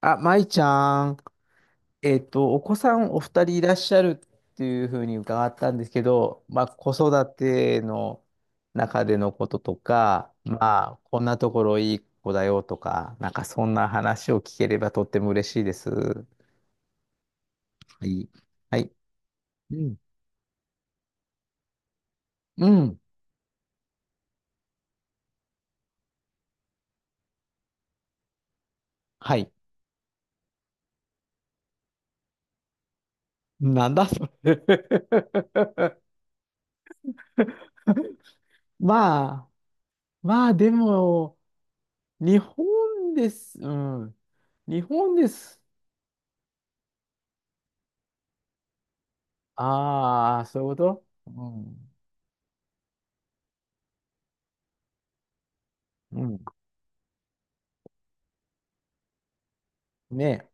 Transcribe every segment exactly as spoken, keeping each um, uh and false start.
あ、舞ちゃん、えっと、お子さんお二人いらっしゃるっていうふうに伺ったんですけど、まあ、子育ての中でのこととか、まあ、こんなところいい子だよとか、なんかそんな話を聞ければとっても嬉しいです。はい。はい。うん。うん。はい。なんだそれ。 まあ、まあ、でも、日本です。うん。日本です。ああ、そういうこと。うん。うん。ねえ。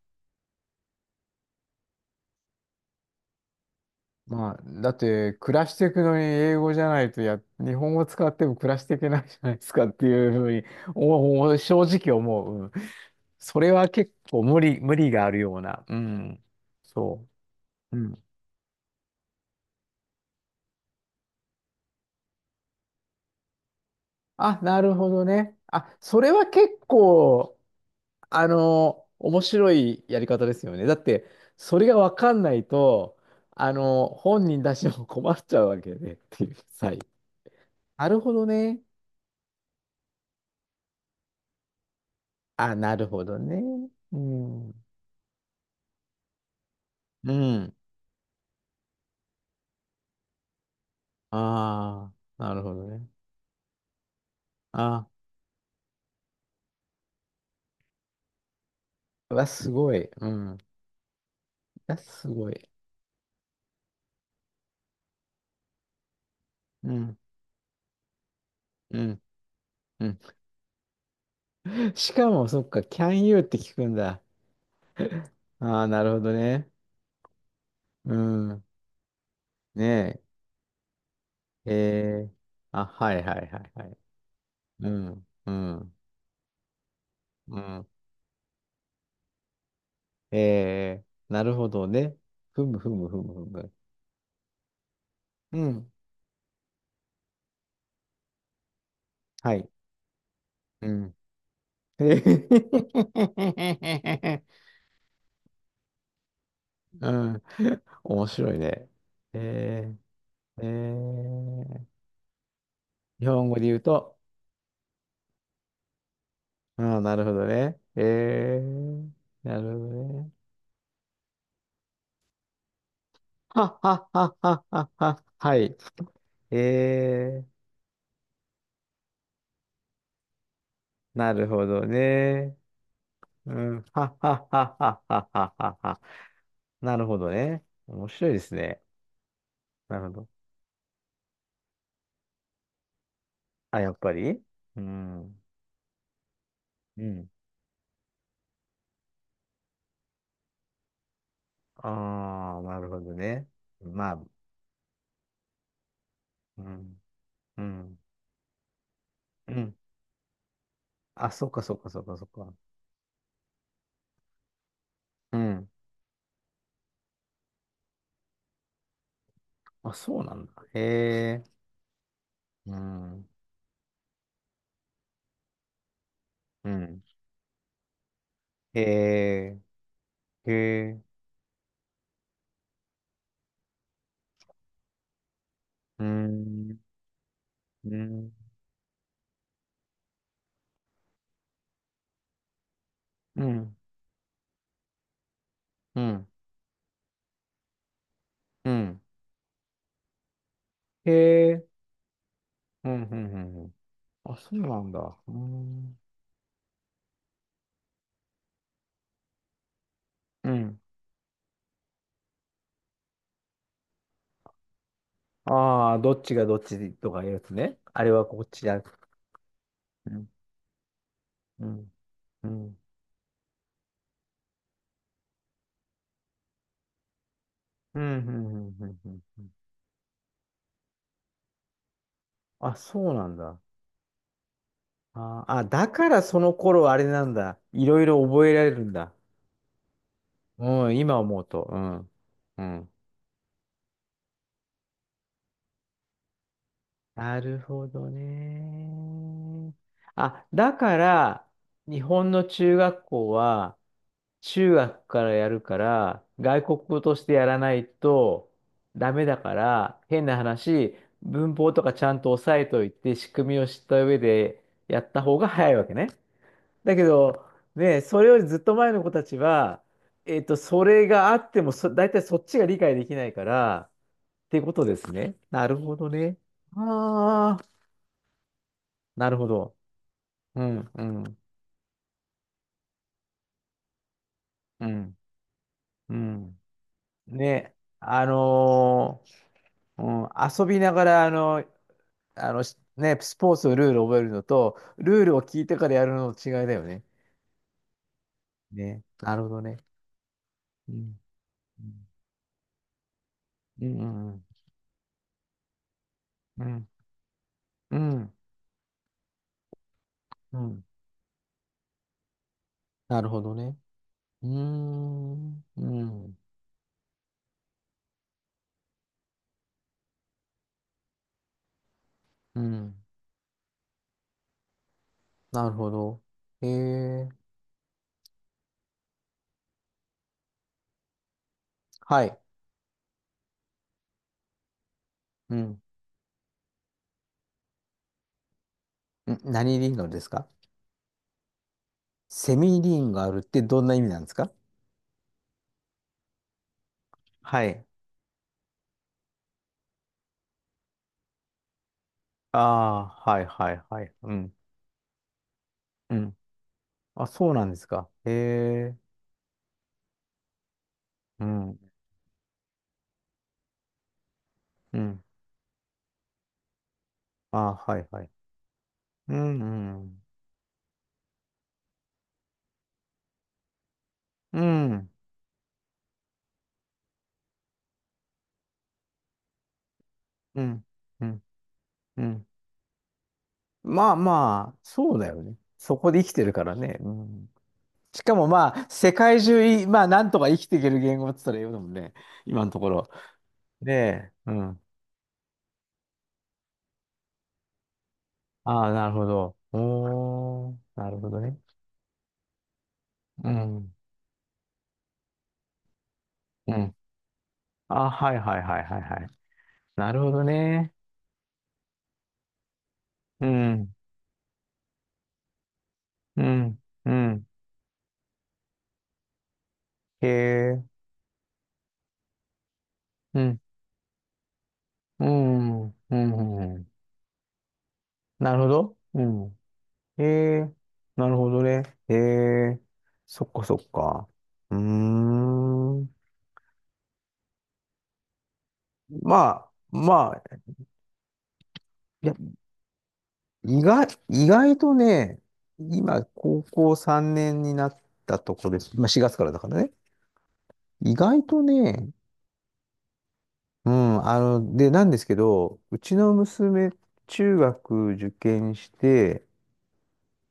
まあ、だって、暮らしていくのに英語じゃないとや、日本語使っても暮らしていけないじゃないですかっていうふうに、おお正直思う。うん。それは結構無理、無理があるような。うん。そう。うん。あ、なるほどね。あ、それは結構、あの、面白いやり方ですよね。だって、それがわかんないと、あの、本人たちも困っちゃうわけでっていう。はい。なるほどね。あ、なるほどね。うん。うん。ああ、なるほどね。ああ、わ、すごい。うん。わ、すごい。うん。うん。うん。しかも、そっか、can you って聞くんだ。ああ、なるほどね。うん。ねえ。えー。あ、はいはいはいはい。うん。うん。うん。えー、なるほどね。ふむふむふむふむ。うん。はい。うん。えへへへへへへへ。うん。面白いね。えー、えー、日本語で言うと、ああ、なるほどね。えー、なるほどね。はははははは。はい。えー、なるほどね。うん。はははははははは。なるほどね。面白いですね。なるほど。あ、やっぱり。うん。うん。ああ、なるほどね。まあ、うん。うん。うん。あ、そっかそっかそっかそっか。うん。あ、そうなんだ。へえ。うん。うん。へえ。へえ。うん。うん。うん。うん。うん。へえ。うん。うん。うんうん。あ、そうなんだ。うん。うん。ああ、どっちがどっちとかいうやつね。あれはこっちだ。うん。うん。うん。うん。うん。うん。うんうん。あ、そうなんだ。あーあ、だからその頃あれなんだ。いろいろ覚えられるんだ。うん。今思うと。うん。うん。なるほどね。あ、だから、日本の中学校は、中学からやるから、外国語としてやらないとダメだから、変な話、文法とかちゃんと押さえといて、仕組みを知った上でやった方が早いわけね。だけど、ね、それよりずっと前の子たちは、えっと、それがあってもそ、大体そっちが理解できないから、ってことですね。なるほどね。ああ。なるほど。うん、うん、うん、うん。ね、あのーうん、遊びながら、あの、あの、しね、スポーツのルールを覚えるのと、ルールを聞いてからやるのの違いだよね。ね、なるほどね。うん、うん、うん、うん、うん、うんうん。なるほどね。うーん、うん、うん、なるほど。えー、はい。うん。ん。何リンゴですか？セミリンゴあるってどんな意味なんですか？はい。ああ、はいはいはい。うん。うん。あ、そうなんですか。へえ。うん。うん。ああ、はいはい。うん。うん。うん。うん。うん。うん。まあまあ、そうだよね。そこで生きてるからね。うん。しかもまあ、世界中い、まあ、なんとか生きていける言語って言ったら英語だもんね。今のところ。ねえ。うん。ああ、なるほど。おー、なるほどね。うん。うん。あ、はいはいはいはいはい。なるほどね。うん。うん、うん、へえ、うん、うん、うん、うん。なるほど。うん。へえ、なるほどね。へえ、そっかそっか。うーん。まあ、まあ、いや、意外、意外とね、今、高校さんねんになったとこです。今、しがつからだからね。意外とね、うん、あの、で、なんですけど、うちの娘、中学受験して、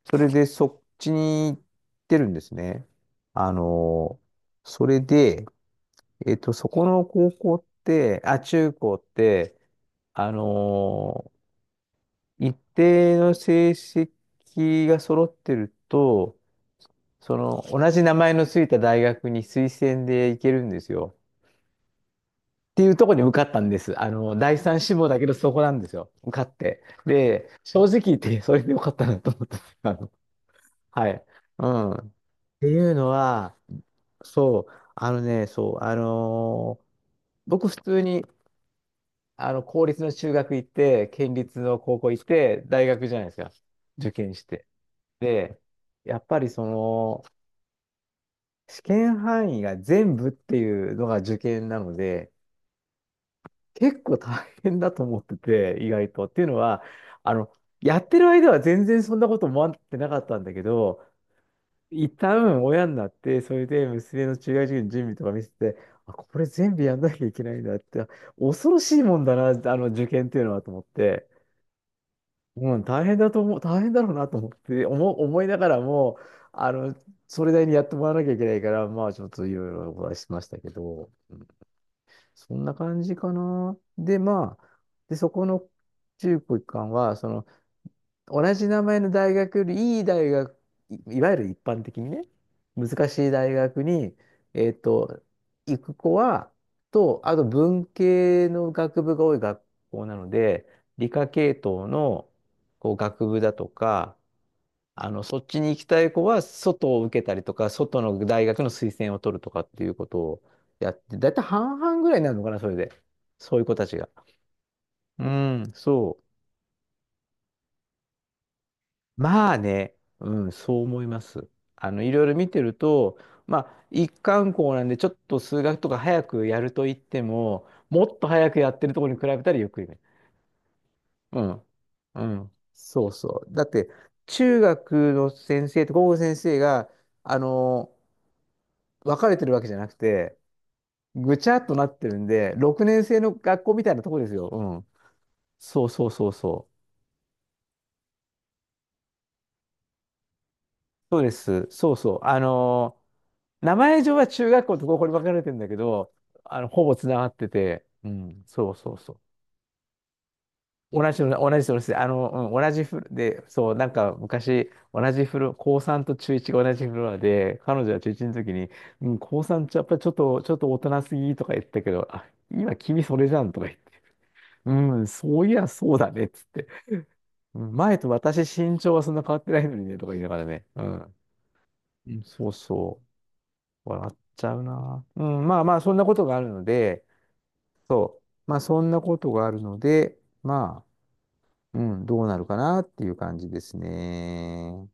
それでそっちに行ってるんですね。あの、それで、えっと、そこの高校って、あ、中高って、あの、一定の成績が揃ってると、その、同じ名前のついた大学に推薦で行けるんですよ。っていうところに受かったんです。あの、第三志望だけどそこなんですよ。受かって。で、正直言ってそれでよかったなと思った。あのはい。うん。ていうのは、そう、あのね、そう、あのー僕普通に、あの、公立の中学行って、県立の高校行って、大学じゃないですか。受験して。で、やっぱりその、試験範囲が全部っていうのが受験なので、結構大変だと思ってて、意外と。っていうのは、あの、やってる間は全然そんなこと思ってなかったんだけど、一旦親になって、それで娘の中学受験の準備とか見せて、あ、これ全部やんなきゃいけないんだって、恐ろしいもんだな、あの受験っていうのはと思って、うん、大変だと思う、大変だろうなと思って、思、思いながらも、あの、それなりにやってもらわなきゃいけないから、まあちょっといろいろお話ししましたけど、そんな感じかな。で、まあ、で、そこの中高一貫は、その、同じ名前の大学よりいい大学、いいわゆる一般的にね、難しい大学に、えっと、行く子は、と、あと文系の学部が多い学校なので、理科系統のこう学部だとか、あの、そっちに行きたい子は外を受けたりとか、外の大学の推薦を取るとかっていうことをやって、だいたい半々ぐらいになるのかな、それで。そういう子たちが。うん、そう。まあね、うん、そう思います。あの、いろいろ見てると、まあ、一貫校なんで、ちょっと数学とか早くやると言っても、もっと早くやってるところに比べたらゆっくりね。うん。うん。そうそう。だって、中学の先生と高校の先生が、あの、分かれてるわけじゃなくて、ぐちゃっとなってるんで、ろくねん生の学校みたいなとこですよ。うん。そうそうそうそう。そうです。そうそう。あのー名前上は中学校と高校に分かれてるんだけど、あの、ほぼつながってて、うん、そうそうそう。同じの、同じの、あの、うん、同じフロで、そう、なんか昔、同じフロ、高さんと中いちが同じフロアで、彼女は中いちの時に、うん、高さんってやっぱりちょっと、ちょっと大人すぎとか言ったけど、あ、今君それじゃんとか言って、うん、そういや、そうだね、っつって。うん。前と私身長はそんな変わってないのにね、とか言いながらね。うん。うん。そうそう。笑っちゃうな。うん、まあまあ、そんなことがあるので、まあ、そんなことがあるので、まあ、うん、どうなるかなっていう感じですね。